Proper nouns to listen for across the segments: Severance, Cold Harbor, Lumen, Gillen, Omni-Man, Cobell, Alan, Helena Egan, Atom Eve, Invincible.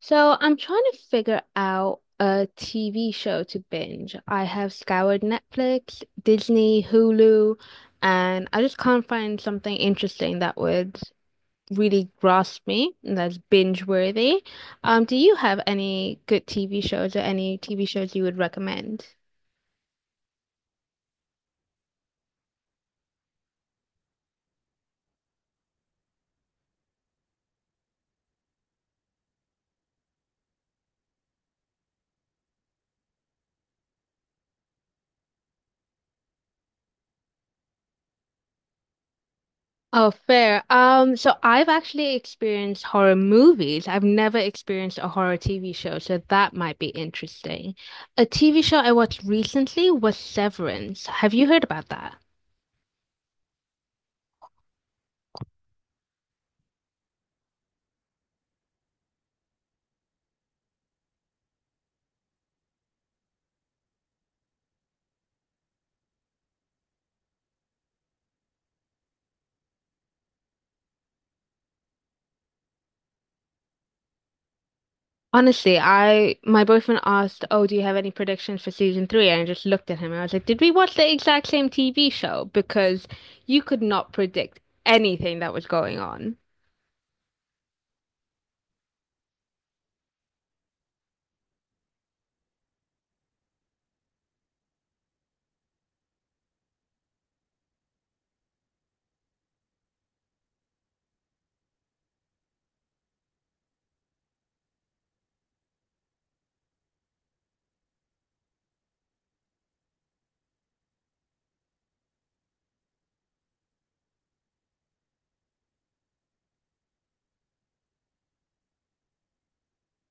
So I'm trying to figure out a TV show to binge. I have scoured Netflix, Disney, Hulu, and I just can't find something interesting that would really grasp me and that's binge worthy. Do you have any good TV shows or any TV shows you would recommend? Oh, fair. So I've actually experienced horror movies. I've never experienced a horror TV show, so that might be interesting. A TV show I watched recently was Severance. Have you heard about that? Honestly, I my boyfriend asked, "Oh, do you have any predictions for season three?" And I just looked at him and I was like, "Did we watch the exact same TV show?" Because you could not predict anything that was going on.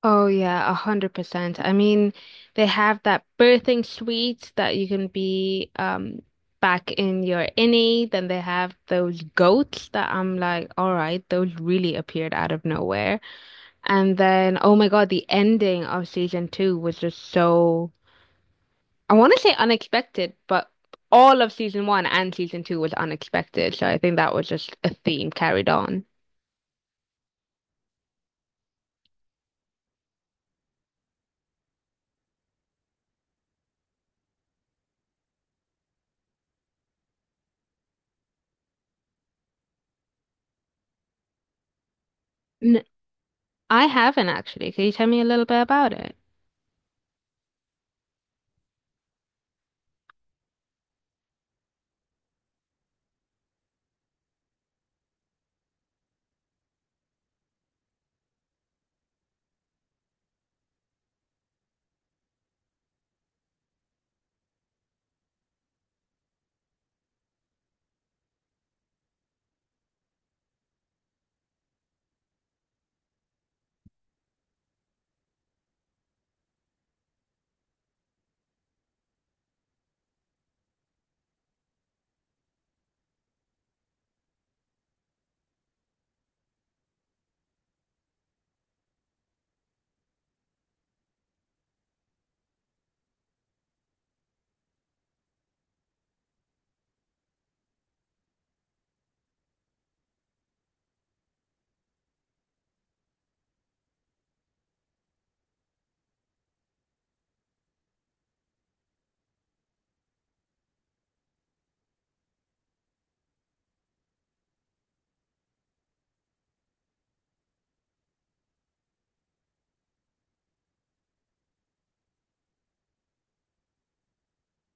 Oh yeah, 100%. I mean, they have that birthing suite that you can be back in your innie. Then they have those goats that I'm like, all right, those really appeared out of nowhere. And then, oh my God, the ending of season two was just so, I want to say unexpected, but all of season one and season two was unexpected. So I think that was just a theme carried on. N I haven't actually. Can you tell me a little bit about it?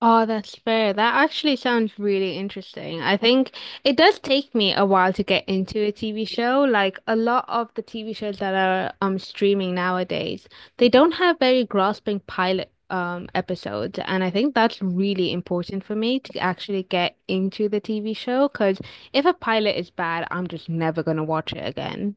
Oh, that's fair. That actually sounds really interesting. I think it does take me a while to get into a TV show. Like a lot of the TV shows that are streaming nowadays, they don't have very grasping pilot episodes, and I think that's really important for me to actually get into the TV show because if a pilot is bad, I'm just never gonna watch it again.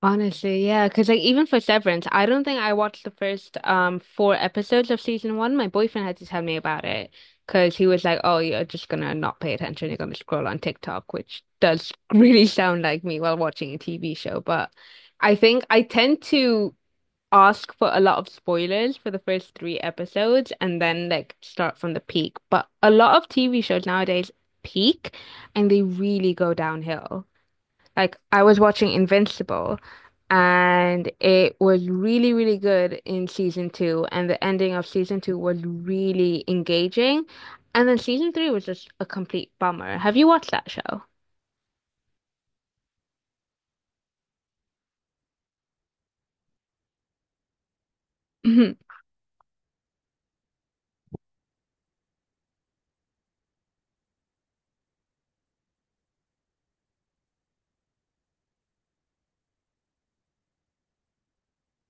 Honestly, yeah, because like even for Severance, I don't think I watched the first four episodes of season one. My boyfriend had to tell me about it because he was like, "Oh, you're just gonna not pay attention. You're gonna scroll on TikTok," which does really sound like me while watching a TV show. But I think I tend to ask for a lot of spoilers for the first three episodes and then like start from the peak. But a lot of TV shows nowadays peak and they really go downhill. Like I was watching Invincible and it was really, really good in season two and the ending of season two was really engaging. And then season three was just a complete bummer. Have you watched that show? Mhm.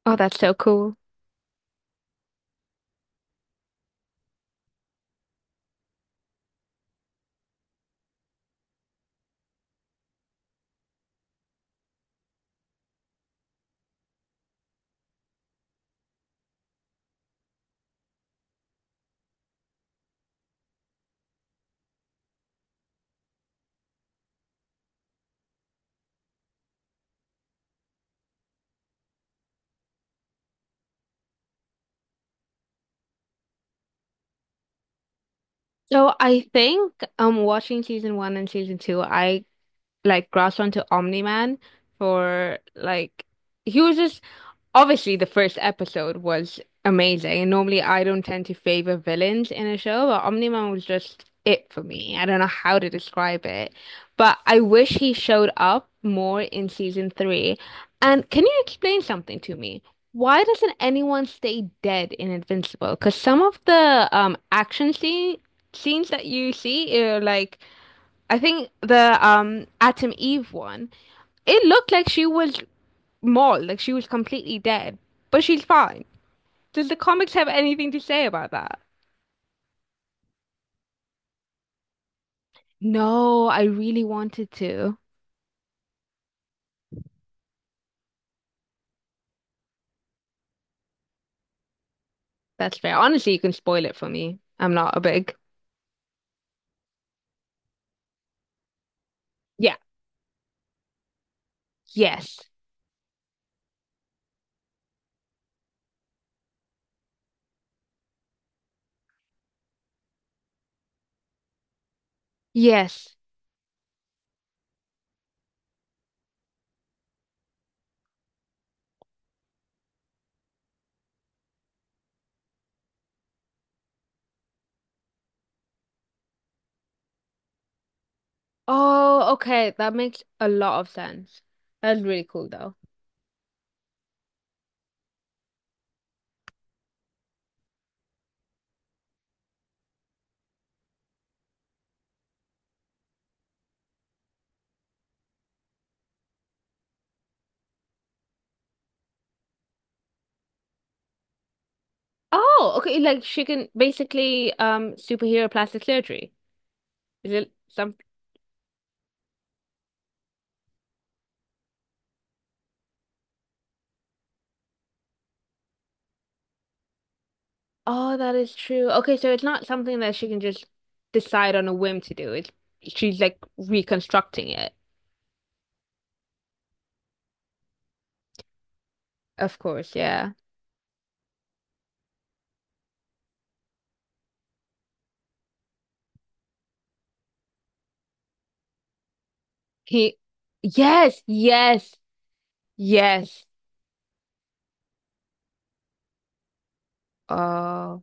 Oh, that's so cool. So I think watching season one and season two, I like grasped onto Omni-Man for like, he was just, obviously, the first episode was amazing. And normally, I don't tend to favor villains in a show, but Omni-Man was just it for me. I don't know how to describe it, but I wish he showed up more in season three. And can you explain something to me? Why doesn't anyone stay dead in Invincible? Because some of the action scene scenes that you see are like, I think the Atom Eve one, it looked like she was mauled, like she was completely dead, but she's fine. Does the comics have anything to say about that? No, I really wanted to. That's fair. Honestly, you can spoil it for me. I'm not a big. Yeah. Yes. Yes. Oh, okay. That makes a lot of sense. That's really cool though. Oh, okay. Like she can basically superhero plastic surgery. Is it something? Oh, that is true. Okay, so it's not something that she can just decide on a whim to do. It's, she's like reconstructing it. Of course, yeah. He, yes, yes, yes. Oh,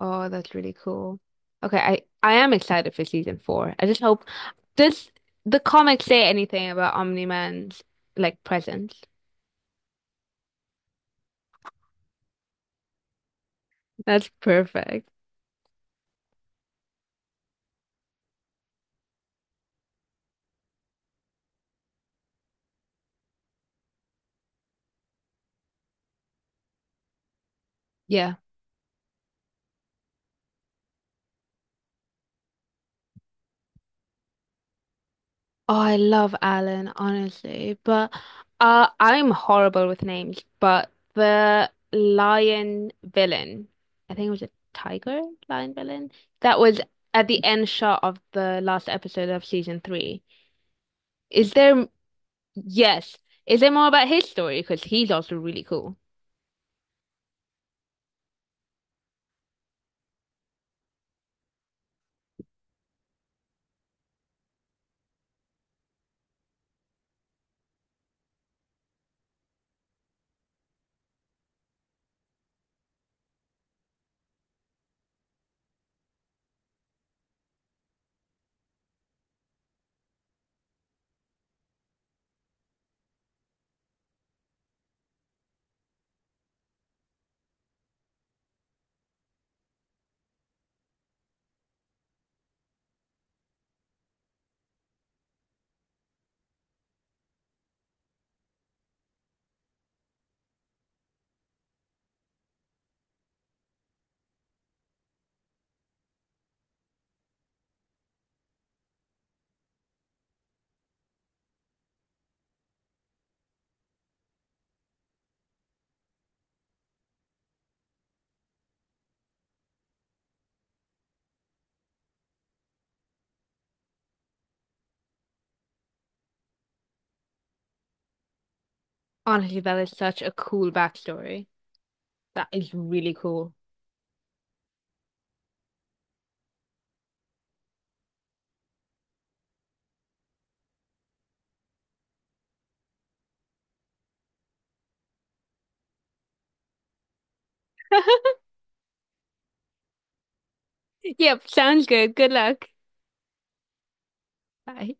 oh, that's really cool. Okay, I am excited for season four. I just hope, does the comic say anything about Omni-Man's like presence? That's perfect. Yeah. Oh, I love Alan, honestly, but I'm horrible with names. But the lion villain, I think it was a tiger lion villain, that was at the end shot of the last episode of season three. Is there, yes, is there more about his story? Because he's also really cool. Honestly, that is such a cool backstory. That is really cool. Yep, sounds good. Good luck. Bye.